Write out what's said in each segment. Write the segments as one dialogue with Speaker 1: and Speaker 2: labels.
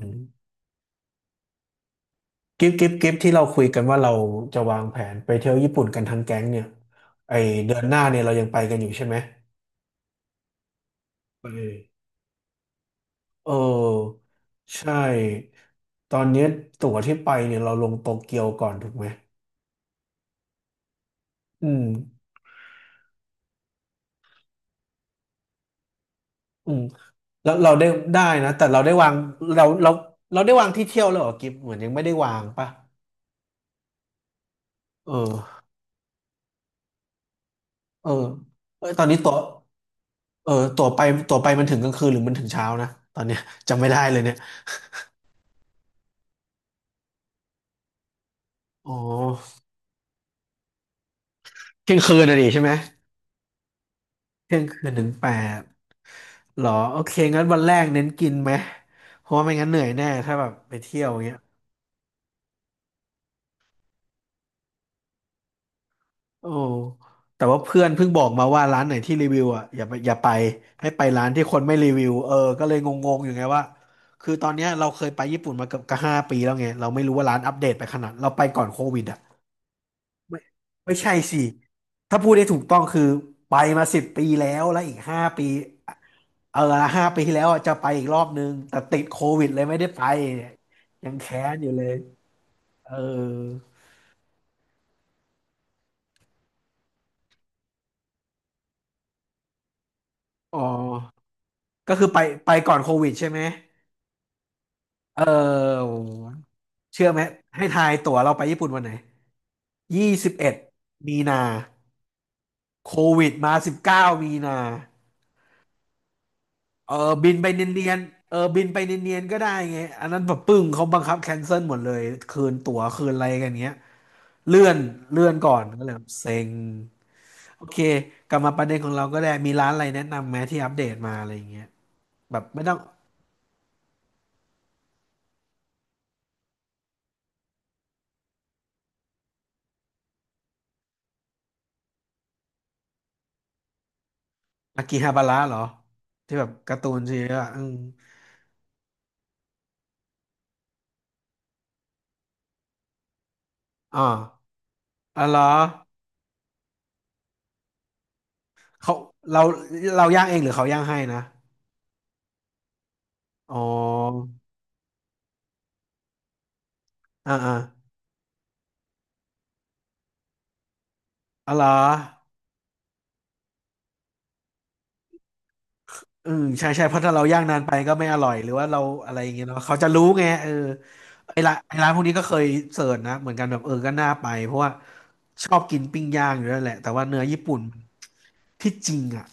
Speaker 1: อืมกิฟต์ที่เราคุยกันว่าเราจะวางแผนไปเที่ยวญี่ปุ่นกันทั้งแก๊งเนี่ยไอเดือนหน้าเนี่ยเรายังไปกันอยู่ใช่ไหมไปเออใช่ตอนนี้ตั๋วที่ไปเนี่ยเราลงโตเกียวก่อนถูกไหมอืมอืมแล้วเราได้ได้นะแต่เราได้วางเราเราเราได้วางที่เที่ยวแล้วเหรอกิฟต์เหมือนยังไม่ได้วางปะเออเออเอยตอนนี้ตั๋วเออตั๋วไปมันถึงกลางคืนหรือมันถึงเช้านะตอนเนี้ย จำไม่ได้เลยเนี่ยอ๋อเที่ยงคืนน่ะดิใช่ไหม เที่ยงคืนถึงแปดหรอโอเคงั้นวันแรกเน้นกินไหมเพราะว่าไม่งั้นเหนื่อยแน่ถ้าแบบไปเที่ยวอย่างเงี้ยโอ้แต่ว่าเพื่อนเพิ่งบอกมาว่าร้านไหนที่รีวิวอ่ะอย่าไปอย่าไปให้ไปร้านที่คนไม่รีวิวเออก็เลยงงๆอยู่ไงว่าคือตอนเนี้ยเราเคยไปญี่ปุ่นมาเกือบกห้าปีแล้วไงเราไม่รู้ว่าร้านอัปเดตไปขนาดเราไปก่อนโควิดอ่ะ ไม่ไม่ใช่สิ ถ้าพูดได้ถูกต้องคือไปมาสิบปีแล้วแล้วอีกห้าปี เออ5 ปีที่แล้วอะจะไปอีกรอบนึงแต่ติดโควิดเลยไม่ได้ไปเนี่ยยังแค้นอยู่เลย เอออ๋อก็คือไปไปก่อนโควิดใช่ไหม เออโหเชื่อไหมให้ทายตั๋วเราไปญี่ปุ่นวันไหน21 มีนาโควิดมา19 มีนา เออบินไปเนียนๆเออบินไปเนียนๆก็ได้ไงอันนั้นแบบปึ้งเขาบังคับแคนเซิลหมดเลยคืนตั๋วคืนอะไรกันเงี้ยเลื่อนเลื่อนก่อนก็เลยแบบเซ็งโอเคกลับมาประเด็นของเราก็ได้มีร้านอะไรแนะนำไหมที่อัปเดตมาอะไรอย่างเงี้ยแบบไม่ต้องอากิฮาบาระเหรอที่แบบการ์ตูนชีวิตอะอืมอ่าอ๋อเหรอเขาเราเราย่างเองหรือเขาย่างให้นะอ๋ออ่าอ่าอ๋อเหรอ อือใช่ใช่เพราะถ้าเราย่างนานไปก็ไม่อร่อยหรือว่าเราอะไรอย่างเงี้ยเนาะเขาจะรู้ไงเออไอ้ร้านพวกนี้ก็เคยเสิร์ชนะเหมือนกันแบบเออก็น่าไปเพราะว่าชอบกินปิ้งย่างอยู่แล้วแหละแต่ว่าเนื้อญี่ปุ่นที่จริงอ่ะ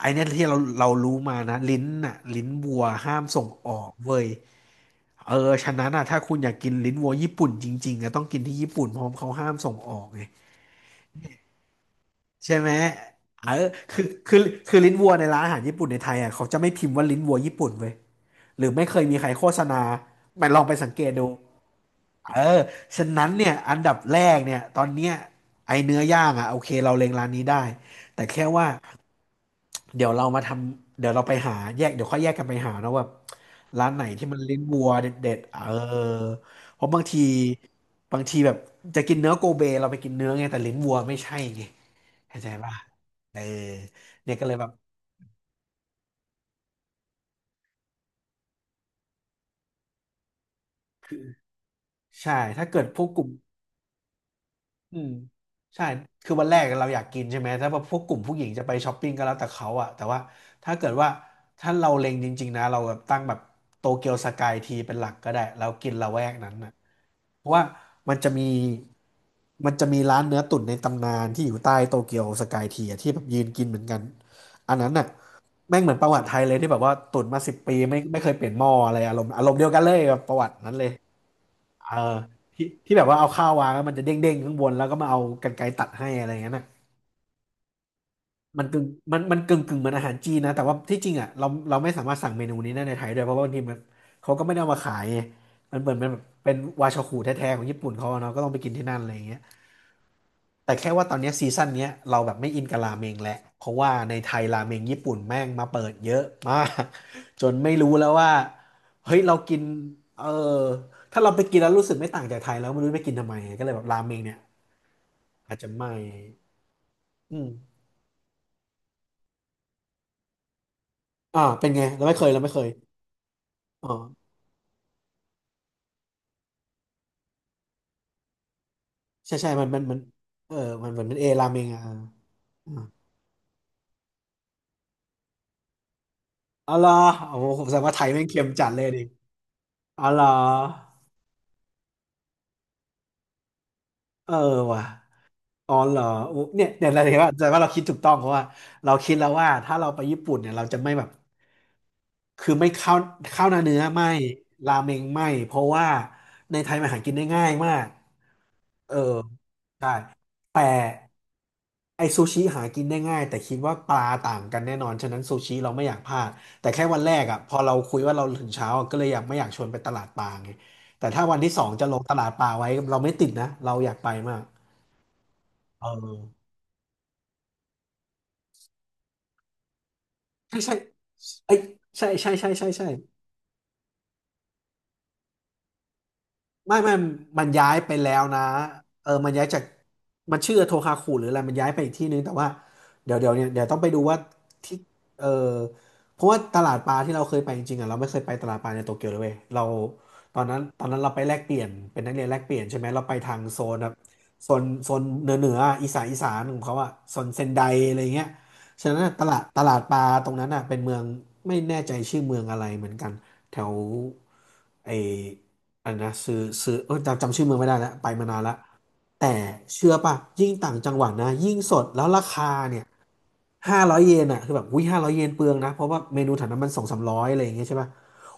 Speaker 1: ไอ้เนี่ยที่เรารู้มานะลิ้นอ่ะลิ้นวัวห้ามส่งออกเว้ยเออฉะนั้นอ่ะถ้าคุณอยากกินลิ้นวัวญี่ปุ่นจริงๆอ่ะต้องกินที่ญี่ปุ่นเพราะเขาห้ามส่งออกไงใช่ไหมเออคือคือคือลิ้นวัวในร้านอาหารญี่ปุ่นในไทยอ่ะเขาจะไม่พิมพ์ว่าลิ้นวัวญี่ปุ่นเว้ย หรือไม่เคยมีใครโฆษณามันลองไปสังเกตดูเออฉะนั้นเนี่ยอันดับแรกเนี่ยตอนเนี้ยไอเนื้อย่างอ่ะโอเคเราเล็งร้านนี้ได้แต่แค่ว่าเดี๋ยวเรามาทำเดี๋ยวเราไปหาแยกเดี๋ยวค่อยแยกกันไปหาเนอะว่าร้านไหนที่มันลิ้นวัวเด็ดๆเออเพราะบางทีแบบจะกินเนื้อโกเบเราไปกินเนื้อไงแต่ลิ้นวัวไม่ใช่ไงเข้าใจป่ะเออเนี่ยก็เลยแบบใช่ถ้าเกิดพวกกลุ่ม อืมใช่คือวันแรกเราอยากกินใช่ไหมถ้าพวกกลุ่มผู้หญิงจะไปช้อปปิ้งก็แล้วแต่เขาอะแต่ว่าถ้าเกิดว่าถ้าเราเล็งจริงๆนะเราแบบตั้งแบบโตเกียวสกายทีเป็นหลักก็ได้เรากินละแวกนั้นนะเพราะว่ามันจะมีมันจะมีร้านเนื้อตุ๋นในตำนานที่อยู่ใต้โตเกียวสกายทีอะที่แบบยืนกินเหมือนกันอันนั้นน่ะแม่งเหมือนประวัติไทยเลยที่แบบว่าตุ๋นมาสิบปีไม่เคยเปลี่ยนหม้ออะไรอารมณ์เดียวกันเลยแบบประวัตินั้นเลย เออที่ที่แบบว่าเอาข้าววางแล้วมันจะเด้งเด้งข้างบนแล้วก็มาเอากรรไกรตัดให้อะไรอย่างนั้นน่ะมันกึ่งมันกึ่งเหมือนอาหารจีนนะแต่ว่าที่จริงอ่ะเราไม่สามารถสั่งเมนูนี้ได้ในไทยด้วยเพราะว่าบางทีมันเขาก็ไม่ได้เอามาขายไงมันเหมือนเป็นแบบเป็นวาชาคุแท้ๆของญี่ปุ่นเขาอะเนาะก็ต้องไปกินที่นั่นอะไรอย่างเงี้ย แต่แค่ว่าตอนเนี้ยซีซั่นเนี้ยเราแบบไม่อินกับราเมงแล้วเพราะว่าในไทยราเมงญี่ปุ่นแม่งมาเปิดเยอะมาก จนไม่รู้แล้วว่าเฮ้ยเรากินเออถ้าเราไปกินแล้วรู้สึกไม่ต่างจากไทยแล้วไม่รู้ไปกินทำไมก็เลยแบบราเมงเนี่ยอาจจะไม่อืมอ่าเป็นไงเราไม่เคยอ๋อใช่ใช่มันเออมันเหมือนมันเอราเมงอ่ะอ๋อาเหระโอ้โหผมแสดงว่าไทยแม่งเค็มจัดเลยดิอ๋อเหรอเออว่ะ อ๋อเหรออุ๊ยเนี่ยเราเห็นว่าแต่ว่าเราคิดถูกต้องเพราะว่าเราคิดแล้วว่าถ้าเราไปญี่ปุ่นเนี่ยเราจะไม่แบบคือไม่ข้าวข้าวหน้าเนื้อไม่ราเมงไม่เพราะว่าในไทยมันหากินได้ง่ายมากเออใช่แต่ไอซูชิหากินได้ง่ายแต่คิดว่าปลาต่างกันแน่นอนฉะนั้นซูชิเราไม่อยากพลาดแต่แค่วันแรกอ่ะพอเราคุยว่าเราถึงเช้าอะก็เลยอยากไม่อยากชวนไปตลาดปลาไงแต่ถ้าวันที่สองจะลงตลาดปลาไว้เราไม่ติดนะเราอยากไปมากเออใช่ใช่ เอ้ยใช่ใช่ใช่ใช่ใช่ ไม่ไม่มันย้ายไปแล้วนะเออมันย้ายจากมันชื่อโทคาคุหรืออะไรมันย้ายไปอีกที่นึงแต่ว่าเดี๋ยวต้องไปดูว่าที่เออเพราะว่าตลาดปลาที่เราเคยไปจริงๆอ่ะเราไม่เคยไปตลาดปลาในโตเกียวเลยเว้ยเราตอนนั้นเราไปแลกเปลี่ยนเป็นนักเรียนแลกเปลี่ยนใช่ไหมเราไปทางโซนแบบโซนเหนืออีสานของเขาอะโซนเซนไดอะไรเงี้ยฉะนั้นน่ะตลาดปลาตรงนั้นอะเป็นเมืองไม่แน่ใจชื่อเมืองอะไรเหมือนกันแถวไอ อันนะซื้อเออจำชื่อเมืองไม่ได้แล้วไปมานานละแต่เชื่อป่ะยิ่งต่างจังหวัดนะยิ่งสดแล้วราคาเนี่ยห้าร้อยเยนอ่ะคือแบบอุ้ยห้าร้อยเยนเปลืองนะเพราะว่าเมนูแถวนั้นมันสองสามร้อยอะไรอย่างเงี้ยใช่ป่ะ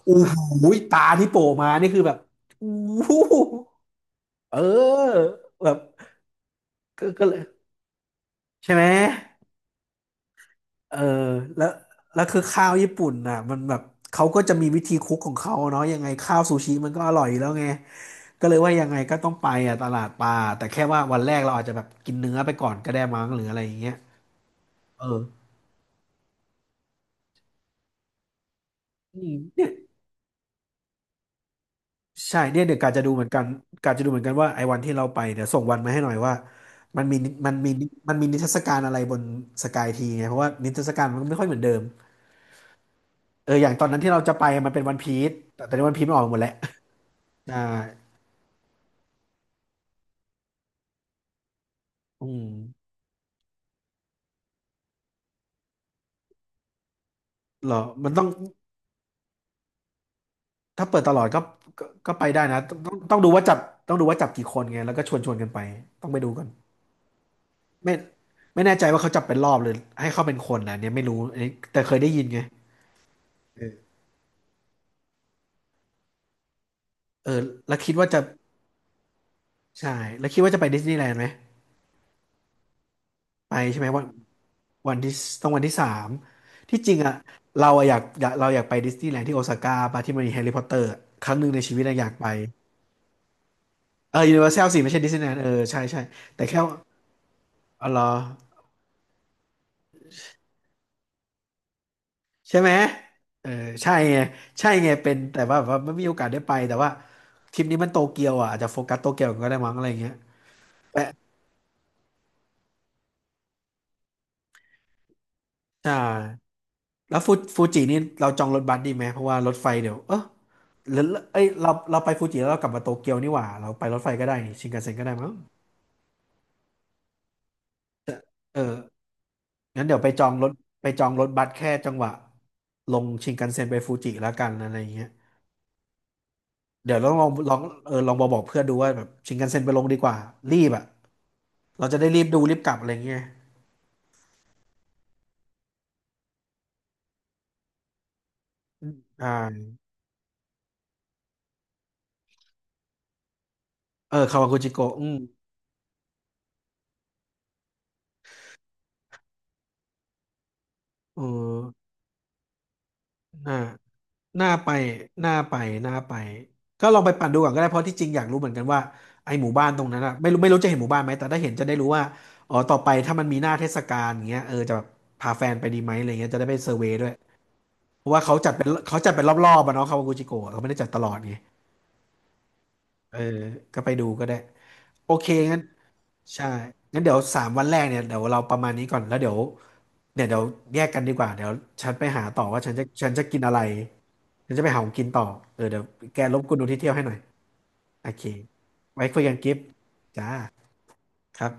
Speaker 1: โอ้โหตาที่โผล่มานี่คือแบบอู้หูเออแบบก็เลยใช่ไหม เออแล้วแล้วคือข้าวญี่ปุ่นน่ะมันแบบเขาก็จะมีวิธีคุกของเขาเนาะยังไงข้าวซูชิมันก็อร่อยอยู่แล้วไงก็เลยว่ายังไงก็ต้องไปอ่ะตลาดปลาแต่แค่ว่าวันแรกเราอาจจะแบบกินเนื้อไปก่อนก็ได้มั้งหรืออะไรอย่างเงี้ยเอออืมเนี่ยใช่เนี่ยเดี๋ยวกาจะดูเหมือนกันกาจะดูเหมือนกันว่าไอ้วันที่เราไปเดี๋ยวส่งวันมาให้หน่อยว่ามันมีมันมีมันมีนิทรรศการอะไรบนสกายทีไงเพราะว่านิทรรศการมันไม่ค่อยเหมือนเดิมเอออย่างตอนนั้นที่เราจะไปมันเป็นวันพีซแต่ตอนนี้วันพีซมันออกหมดแล้วใช่อืม เหรอ มันต้องถ้าเปิดตลอดก็ก็ไปได้นะต้องดูว่าจับต้องดูว่าจับกี่คนไงแล้วก็ชวนกันไป ต้องไปดูกันไม่ไม่แน่ใจว่าเขาจับเป็นรอบหรือให้เข้าเป็นคนนะเนี่ยไม่รู้อันนี้แต่เคยได้ยินไงเออแล้วคิดว่าจะใช่แล้วคิดว่าจะไปดิสนีย์แลนด์ไหมไปใช่ไหมวันวันที่ต้องวันที่สามที่จริงอ่ะเราอะอยากอยากเราอยากไปดิสนีย์แลนด์ที่โอซาก้าปะที่มันมีแฮร์รี่พอตเตอร์ครั้งหนึ่งในชีวิตอะอยากไปเออยูนิเวอร์แซลสิไม่ใช่ดิสนีย์แลนด์เออใช่ใช่แต่แค่ว่าอ๋อเหรอ ใช่ไหมเออใช่ไงใช่ไงเป็นแต่ว่าแบบว่าไม่มีโอกาสได้ไป แต่ว่าทริปนี้มันโตเกียวอ่ะอาจจะโฟกัสโตเกียวก็ได้มั้งอะไรเงี้ยแต่ใช่แล้วฟูจินี่เราจองรถบัสดีไหมเพราะว่ารถไฟเดี๋ยว เออหรือเอ้ยเราเราไปฟูจิแล้วเรากลับมาโตเกียวนี่หว่าเราไปรถไฟก็ได้นี่ชินคันเซ็นก็ได้มั้งเอองั้นเดี๋ยวไปจองรถไปจองรถบัสแค่จังหวะลงชินคันเซ็นไปฟูจิแล้วกันอะไรเงี้ยเดี๋ยวลองเออลองบอกเพื่อนดูว่าแบบชินคันเซ็นไปลงดีกว่ารีบอ่ะเราจะได้รีบดูรีบกลับอะไรเงี้ย อ่าเออคาวากุจิโกะอืมเออน่าน่าไปน่าไปน่าไปก็ลองไปปั่นดูก่อนก็ได้เพราะที่จริงอยากรู้เหมือนกันว่าไอหมู่บ้านตรงนั้นอะไม่รู้ไม่รู้จะเห็นหมู่บ้านไหมแต่ถ้าเห็นจะได้รู้ว่าอ๋อต่อไปถ้ามันมีหน้าเทศกาลอย่างเงี้ยเออจะแบบพาแฟนไปดีไหมอะไรเงี้ยจะได้ไปเซอร์เวย์ด้วยเพราะว่าเขาจัดเป็นเขาจัดเป็นรอบๆอะเนาะคาวากุจิโกะเขาไม่ได้จัดตลอดไงเออก็ไปดูก็ได้โอเคงั้น ใช่งั้นเดี๋ยว3 วันแรกเนี่ยเดี๋ยวเราประมาณนี้ก่อน แล้วเดี๋ยวเนี่ยเดี๋ยวแยกกันดีกว่า เดี๋ยวฉันไปหาต่อว่าฉันจะกินอะไร ฉันจะไปหาของกินต่อเออเดี๋ยวแกรบกวนดูที่เที่ยวให้หน่อยโอเคไว้คุยกันกิฟต์จ้าครับ